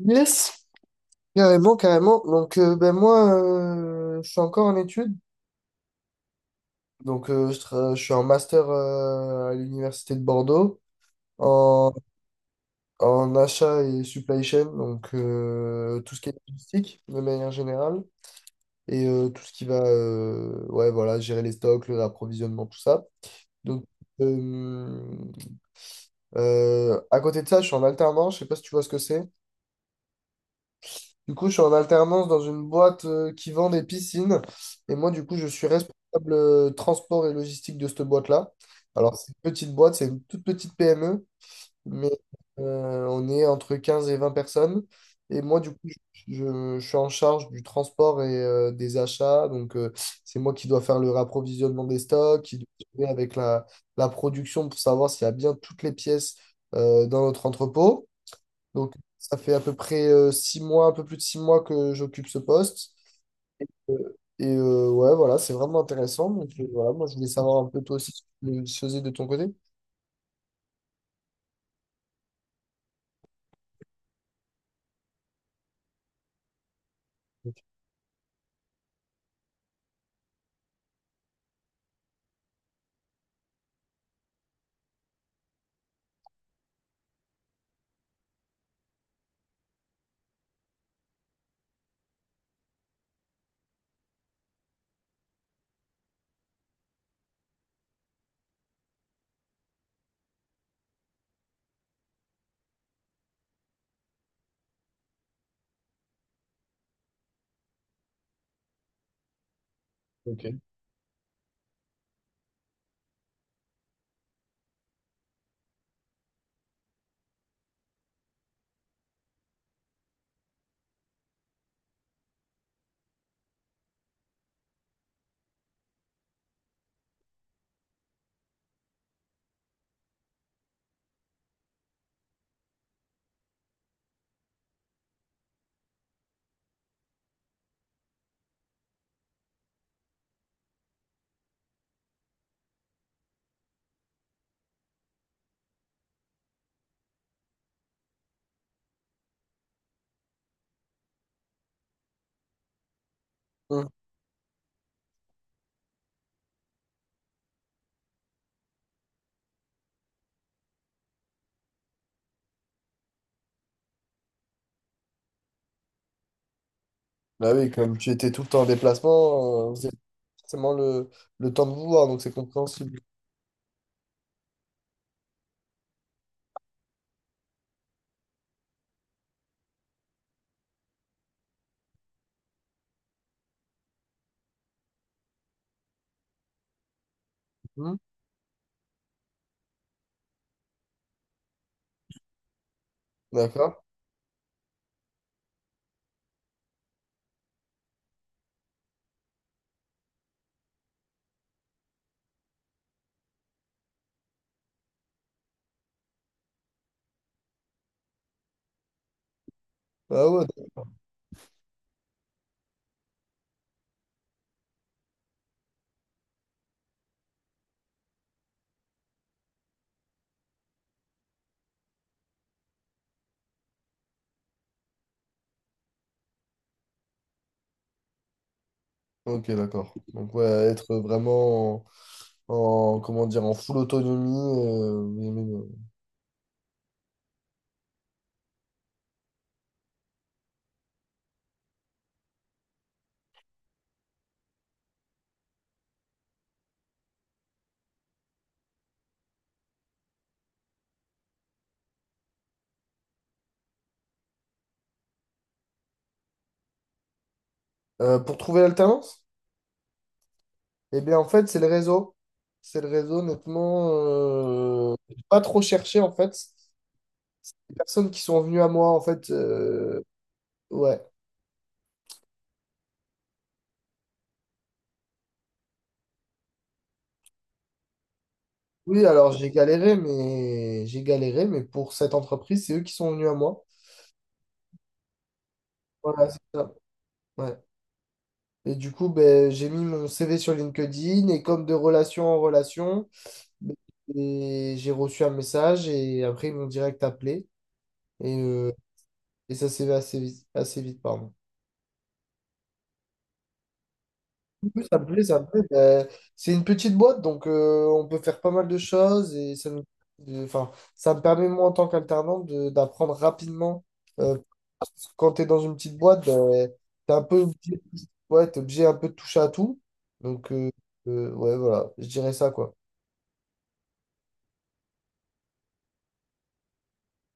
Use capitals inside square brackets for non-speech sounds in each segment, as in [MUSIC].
Yes, carrément, carrément. Donc, ben moi, je suis encore en études. Donc, je suis en master à l'université de Bordeaux en, en achat et supply chain, donc tout ce qui est logistique de manière générale et tout ce qui va, ouais, voilà, gérer les stocks, l'approvisionnement, tout ça. Donc, euh, à côté de ça, je suis en alternance. Je sais pas si tu vois ce que c'est. Du coup, je suis en alternance dans une boîte qui vend des piscines. Et moi, du coup, je suis responsable transport et logistique de cette boîte-là. Alors, c'est une petite boîte, c'est une toute petite PME, mais on est entre 15 et 20 personnes. Et moi, du coup, je suis en charge du transport et des achats. Donc, c'est moi qui dois faire le rapprovisionnement des stocks, qui dois gérer avec la production pour savoir s'il y a bien toutes les pièces dans notre entrepôt. Donc, ça fait à peu près 6 mois, un peu plus de 6 mois que j'occupe ce poste. Ouais, voilà, c'est vraiment intéressant. Donc, voilà, moi, je voulais savoir un peu toi aussi ce que tu faisais de ton côté. Ok. Hum. Bah oui, comme tu étais tout le temps en déplacement, vous avez forcément le temps de vous voir, donc c'est compréhensible. Hum. D'accord. Ah ouais, ok, d'accord. Donc, ouais, être vraiment comment dire, en full autonomie. Pour trouver l'alternance? Eh bien, en fait, c'est le réseau. C'est le réseau, honnêtement. J'ai pas trop cherché, en fait. Les personnes qui sont venues à moi, en fait. Ouais. Oui, alors j'ai galéré, mais pour cette entreprise, c'est eux qui sont venus à moi. Voilà, c'est ça. Ouais. Et du coup, ben, j'ai mis mon CV sur LinkedIn et comme de relation en relation, ben, et j'ai reçu un message et après ils m'ont direct appelé. Et, euh, et ça s'est fait assez vite, pardon. Oui, ça me plaît, ça me plaît. Ben, c'est une petite boîte, donc on peut faire pas mal de choses et enfin, ça me permet, moi, en tant qu'alternant, d'apprendre rapidement. Euh, Parce que quand tu es dans une petite boîte, ben, t'es un peu obligé, ouais, t'es obligé un peu de toucher à tout. Donc, ouais, voilà, je dirais ça, quoi.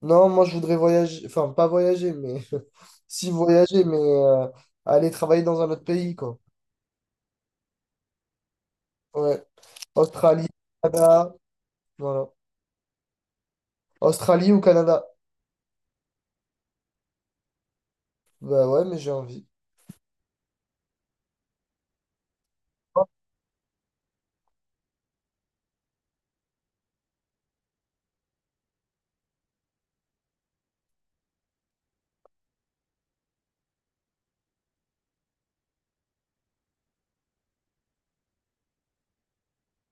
Non, moi, je voudrais voyager, enfin, pas voyager, mais [LAUGHS] si voyager, mais aller travailler dans un autre pays, quoi. Ouais, Australie, Canada, voilà. Australie ou Canada? Bah ouais, mais j'ai envie.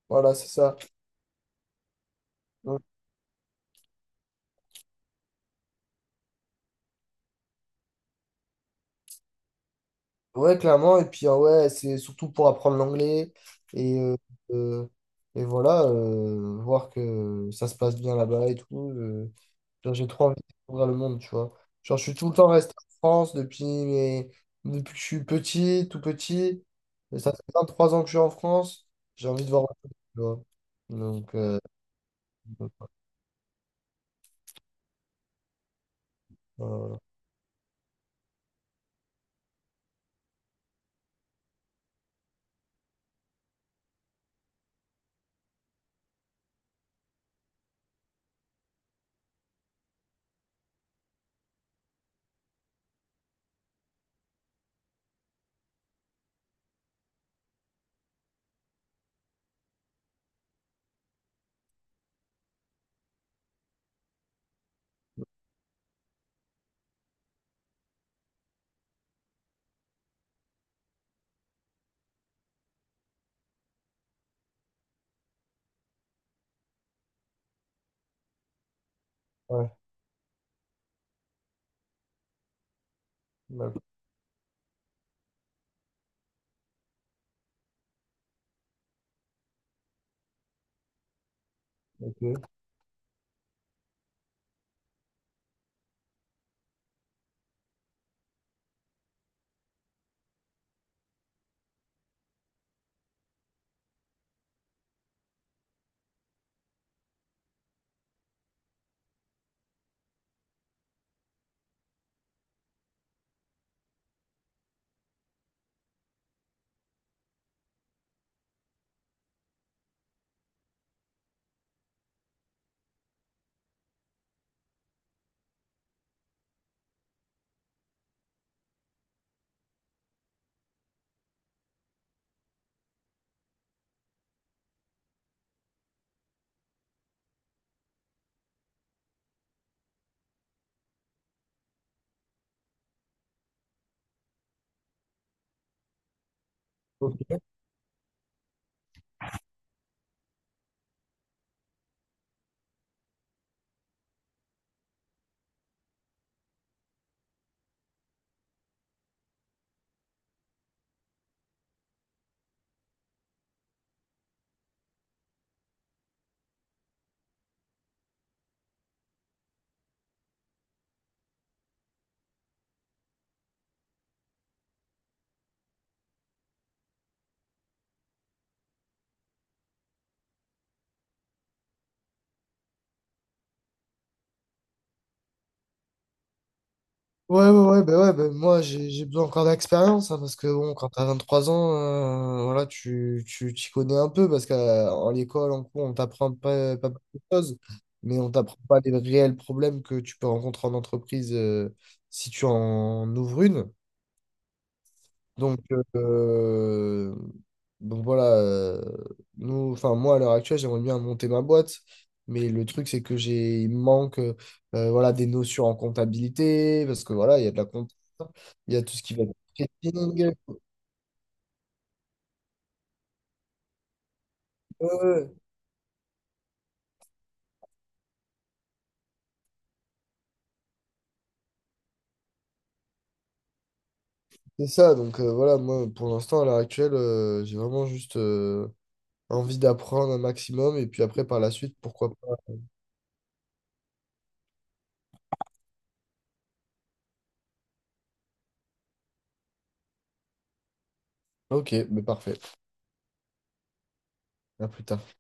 Voilà, c'est ça. Donc, ouais, clairement. Et puis, ouais, c'est surtout pour apprendre l'anglais. Et, euh, euh, et voilà, voir que ça se passe bien là-bas et tout. Genre, j'ai trop envie de découvrir le monde, tu vois. Genre, je suis tout le temps resté en France depuis que je suis petit, tout petit. Et ça fait 23 ans que je suis en France. J'ai envie de voir autre chose, tu vois. Donc, euh, donc, voilà. Ouais. Ouais. Ok. Ouais, ouais, ouais, bah moi j'ai besoin encore d'expérience, hein, parce que bon, quand t'as 23 ans, voilà, tu t'y connais un peu, parce qu'en l'école, en cours, on t'apprend pas, pas beaucoup de choses, mais on t'apprend pas les réels problèmes que tu peux rencontrer en entreprise si tu en ouvres une. Donc, euh, donc voilà, nous, enfin moi à l'heure actuelle, j'aimerais bien monter ma boîte, mais le truc c'est que j'ai, il me manque voilà, des notions en comptabilité, parce que voilà, il y a de la compta, il y a tout ce qui va être marketing. Ouais, ouais, c'est ça, donc voilà, moi pour l'instant à l'heure actuelle, j'ai vraiment juste envie d'apprendre un maximum, et puis après par la suite, pourquoi pas. Ok, mais parfait, à plus tard.